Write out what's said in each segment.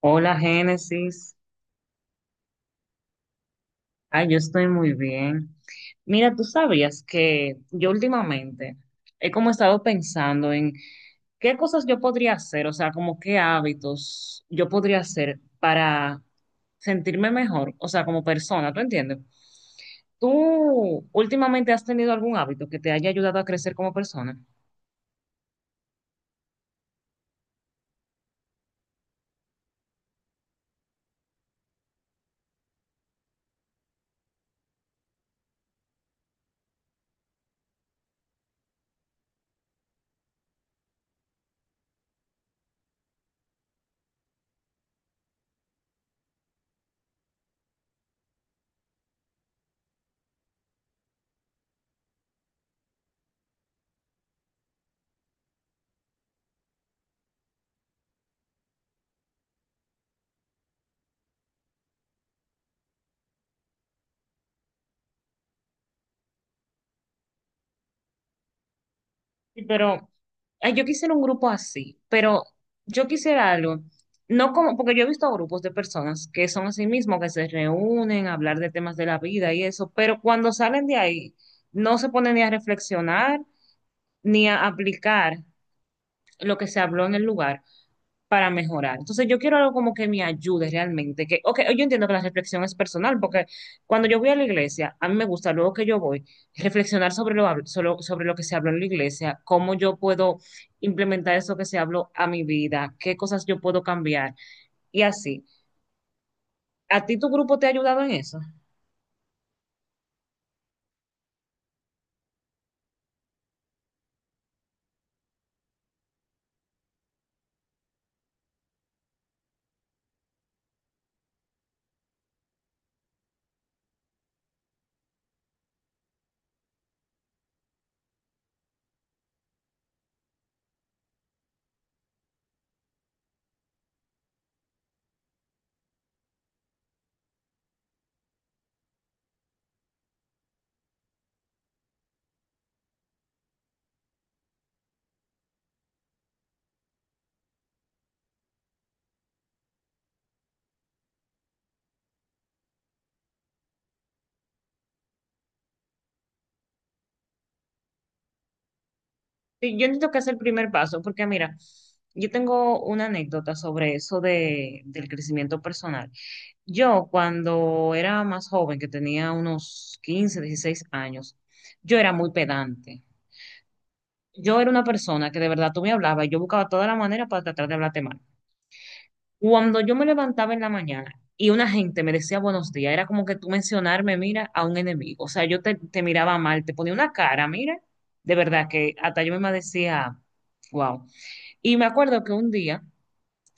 Hola Génesis, ay, yo estoy muy bien. Mira, tú sabías que yo últimamente he como estado pensando en qué cosas yo podría hacer, o sea, como qué hábitos yo podría hacer para sentirme mejor, o sea, como persona, ¿tú entiendes? ¿Tú últimamente has tenido algún hábito que te haya ayudado a crecer como persona? Sí, pero ay, yo quisiera un grupo así, pero yo quisiera algo, no como, porque yo he visto grupos de personas que son así mismo, que se reúnen a hablar de temas de la vida y eso, pero cuando salen de ahí, no se ponen ni a reflexionar ni a aplicar lo que se habló en el lugar, para mejorar. Entonces yo quiero algo como que me ayude realmente, que, ok, yo entiendo que la reflexión es personal, porque cuando yo voy a la iglesia, a mí me gusta, luego que yo voy, reflexionar sobre lo, sobre lo que se habló en la iglesia, cómo yo puedo implementar eso que se habló a mi vida, qué cosas yo puedo cambiar y así. ¿A ti tu grupo te ha ayudado en eso? Sí, yo entiendo que es el primer paso, porque mira, yo tengo una anécdota sobre eso de, del crecimiento personal. Yo cuando era más joven, que tenía unos 15, 16 años, yo era muy pedante. Yo era una persona que de verdad tú me hablabas y yo buscaba toda la manera para tratar de hablarte mal. Cuando yo me levantaba en la mañana y una gente me decía buenos días, era como que tú mencionarme, mira, a un enemigo. O sea, yo te miraba mal, te ponía una cara, mira, de verdad que hasta yo misma decía, wow. Y me acuerdo que un día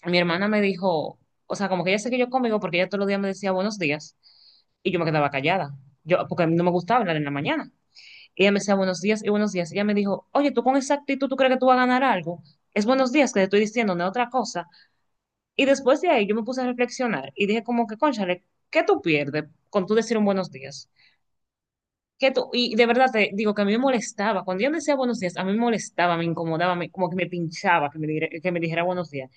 mi hermana me dijo, o sea, como que ella se yo conmigo porque ella todos los días me decía buenos días y yo me quedaba callada. Yo, porque a mí no me gustaba hablar en la mañana. Ella me decía buenos días y buenos días. Ella me dijo, oye, tú con esa actitud, ¿tú crees que tú vas a ganar algo? Es buenos días que te estoy diciendo, no es otra cosa. Y después de ahí yo me puse a reflexionar y dije como que, cónchale, ¿qué tú pierdes con tú decir un buenos días? ¿Qué tú? Y de verdad te digo que a mí me molestaba. Cuando ella me decía buenos días, a mí me molestaba, me incomodaba, como que me pinchaba que me, que me dijera buenos días.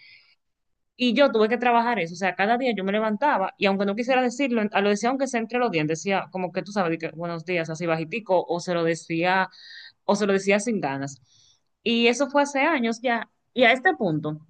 Y yo tuve que trabajar eso, o sea, cada día yo me levantaba y aunque no quisiera decirlo, a lo decía aunque sea entre los dientes, decía como que tú sabes, de que, buenos días, así bajitico, o se lo decía, o se lo decía sin ganas. Y eso fue hace años ya. Y a este punto,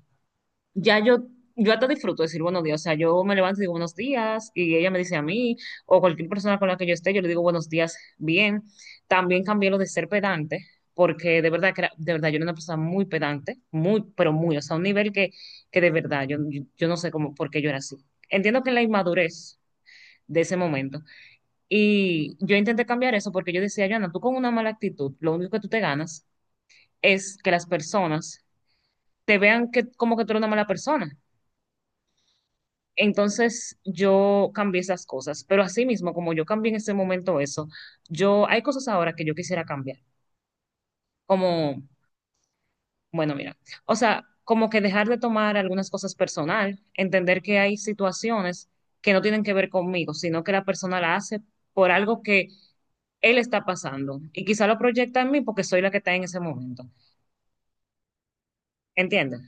ya yo hasta disfruto decir buenos días. O sea, yo me levanto y digo buenos días y ella me dice a mí o cualquier persona con la que yo esté, yo le digo buenos días bien. También cambié lo de ser pedante porque de verdad que de verdad yo era una persona muy pedante, muy, pero muy, o sea, un nivel que, que de verdad yo no sé cómo, por qué yo era así. Entiendo que la inmadurez de ese momento. Y yo intenté cambiar eso porque yo decía, Joana, tú con una mala actitud, lo único que tú te ganas es que las personas te vean que como que tú eres una mala persona. Entonces yo cambié esas cosas, pero así mismo, como yo cambié en ese momento eso, yo hay cosas ahora que yo quisiera cambiar, como, bueno, mira, o sea, como que dejar de tomar algunas cosas personal, entender que hay situaciones que no tienen que ver conmigo, sino que la persona la hace por algo que él está pasando y quizá lo proyecta en mí porque soy la que está en ese momento, ¿entiendes?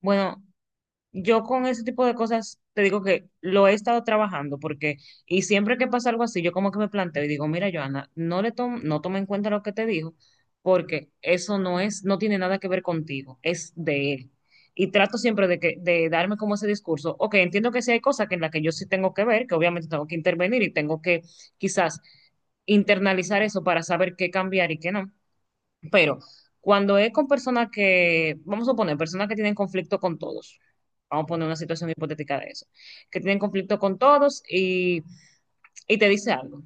Bueno, yo con ese tipo de cosas te digo que lo he estado trabajando porque, y siempre que pasa algo así, yo como que me planteo y digo, mira, Joana, no toma en cuenta lo que te dijo porque eso no es, no tiene nada que ver contigo, es de él. Y trato siempre de que, de darme como ese discurso, ok, entiendo que sí hay cosas que en las que yo sí tengo que ver, que obviamente tengo que intervenir y tengo que quizás internalizar eso para saber qué cambiar y qué no, pero cuando es con personas que, vamos a poner, personas que tienen conflicto con todos, vamos a poner una situación hipotética de eso, que tienen conflicto con todos y te dice algo,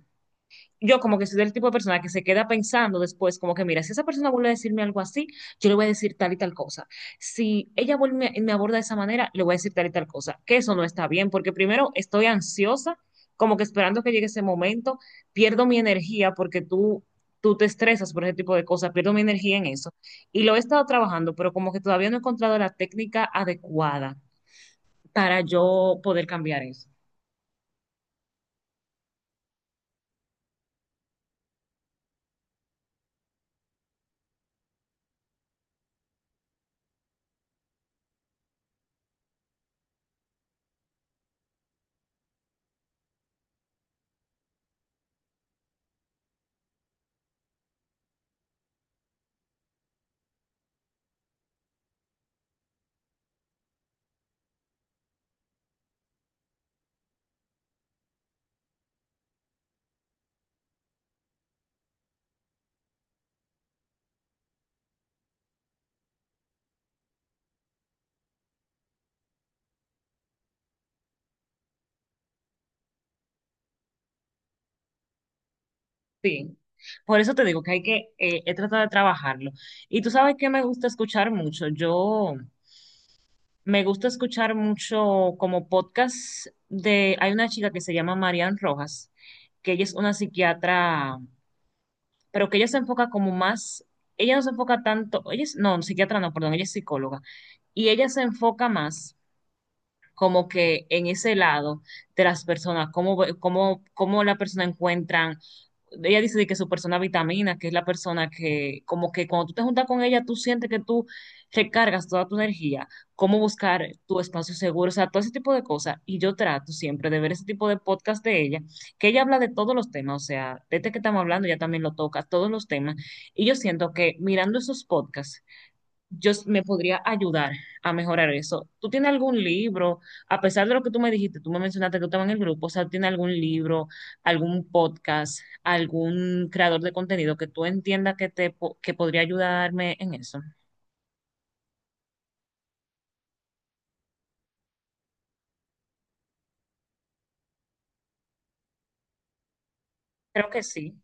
yo como que soy del tipo de persona que se queda pensando después, como que mira, si esa persona vuelve a decirme algo así, yo le voy a decir tal y tal cosa. Si ella vuelve y me aborda de esa manera, le voy a decir tal y tal cosa, que eso no está bien, porque primero estoy ansiosa, como que esperando que llegue ese momento, pierdo mi energía porque tú te estresas por ese tipo de cosas, pierdo mi energía en eso. Y lo he estado trabajando, pero como que todavía no he encontrado la técnica adecuada para yo poder cambiar eso. Sí, por eso te digo que hay que, he tratado de trabajarlo. Y tú sabes que me gusta escuchar mucho. Yo me gusta escuchar mucho como podcast de, hay una chica que se llama Marian Rojas, que ella es una psiquiatra, pero que ella se enfoca como más, ella no se enfoca tanto, ella es, no, psiquiatra no, perdón, ella es psicóloga. Y ella se enfoca más como que en ese lado de las personas, cómo la persona encuentran, ella dice de que su persona vitamina, que es la persona que como que cuando tú te juntas con ella, tú sientes que tú recargas toda tu energía, cómo buscar tu espacio seguro, o sea, todo ese tipo de cosas. Y yo trato siempre de ver ese tipo de podcast de ella, que ella habla de todos los temas, o sea, desde que estamos hablando, ella también lo toca, todos los temas. Y yo siento que mirando esos podcasts, me podría ayudar a mejorar eso. ¿Tú tienes algún libro? A pesar de lo que tú me dijiste, tú me mencionaste que tú estabas en el grupo, o sea, ¿tienes algún libro, algún podcast, algún creador de contenido que tú entiendas que que podría ayudarme en eso? Creo que sí.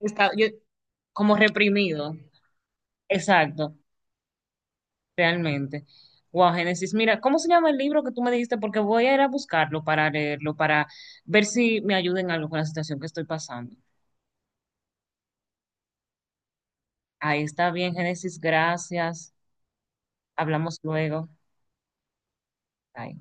Está yo como reprimido. Exacto, realmente. Wow, Génesis, mira, ¿cómo se llama el libro que tú me dijiste? Porque voy a ir a buscarlo para leerlo, para ver si me ayuda en algo con la situación que estoy pasando. Ahí está bien, Génesis, gracias. Hablamos luego. Bye.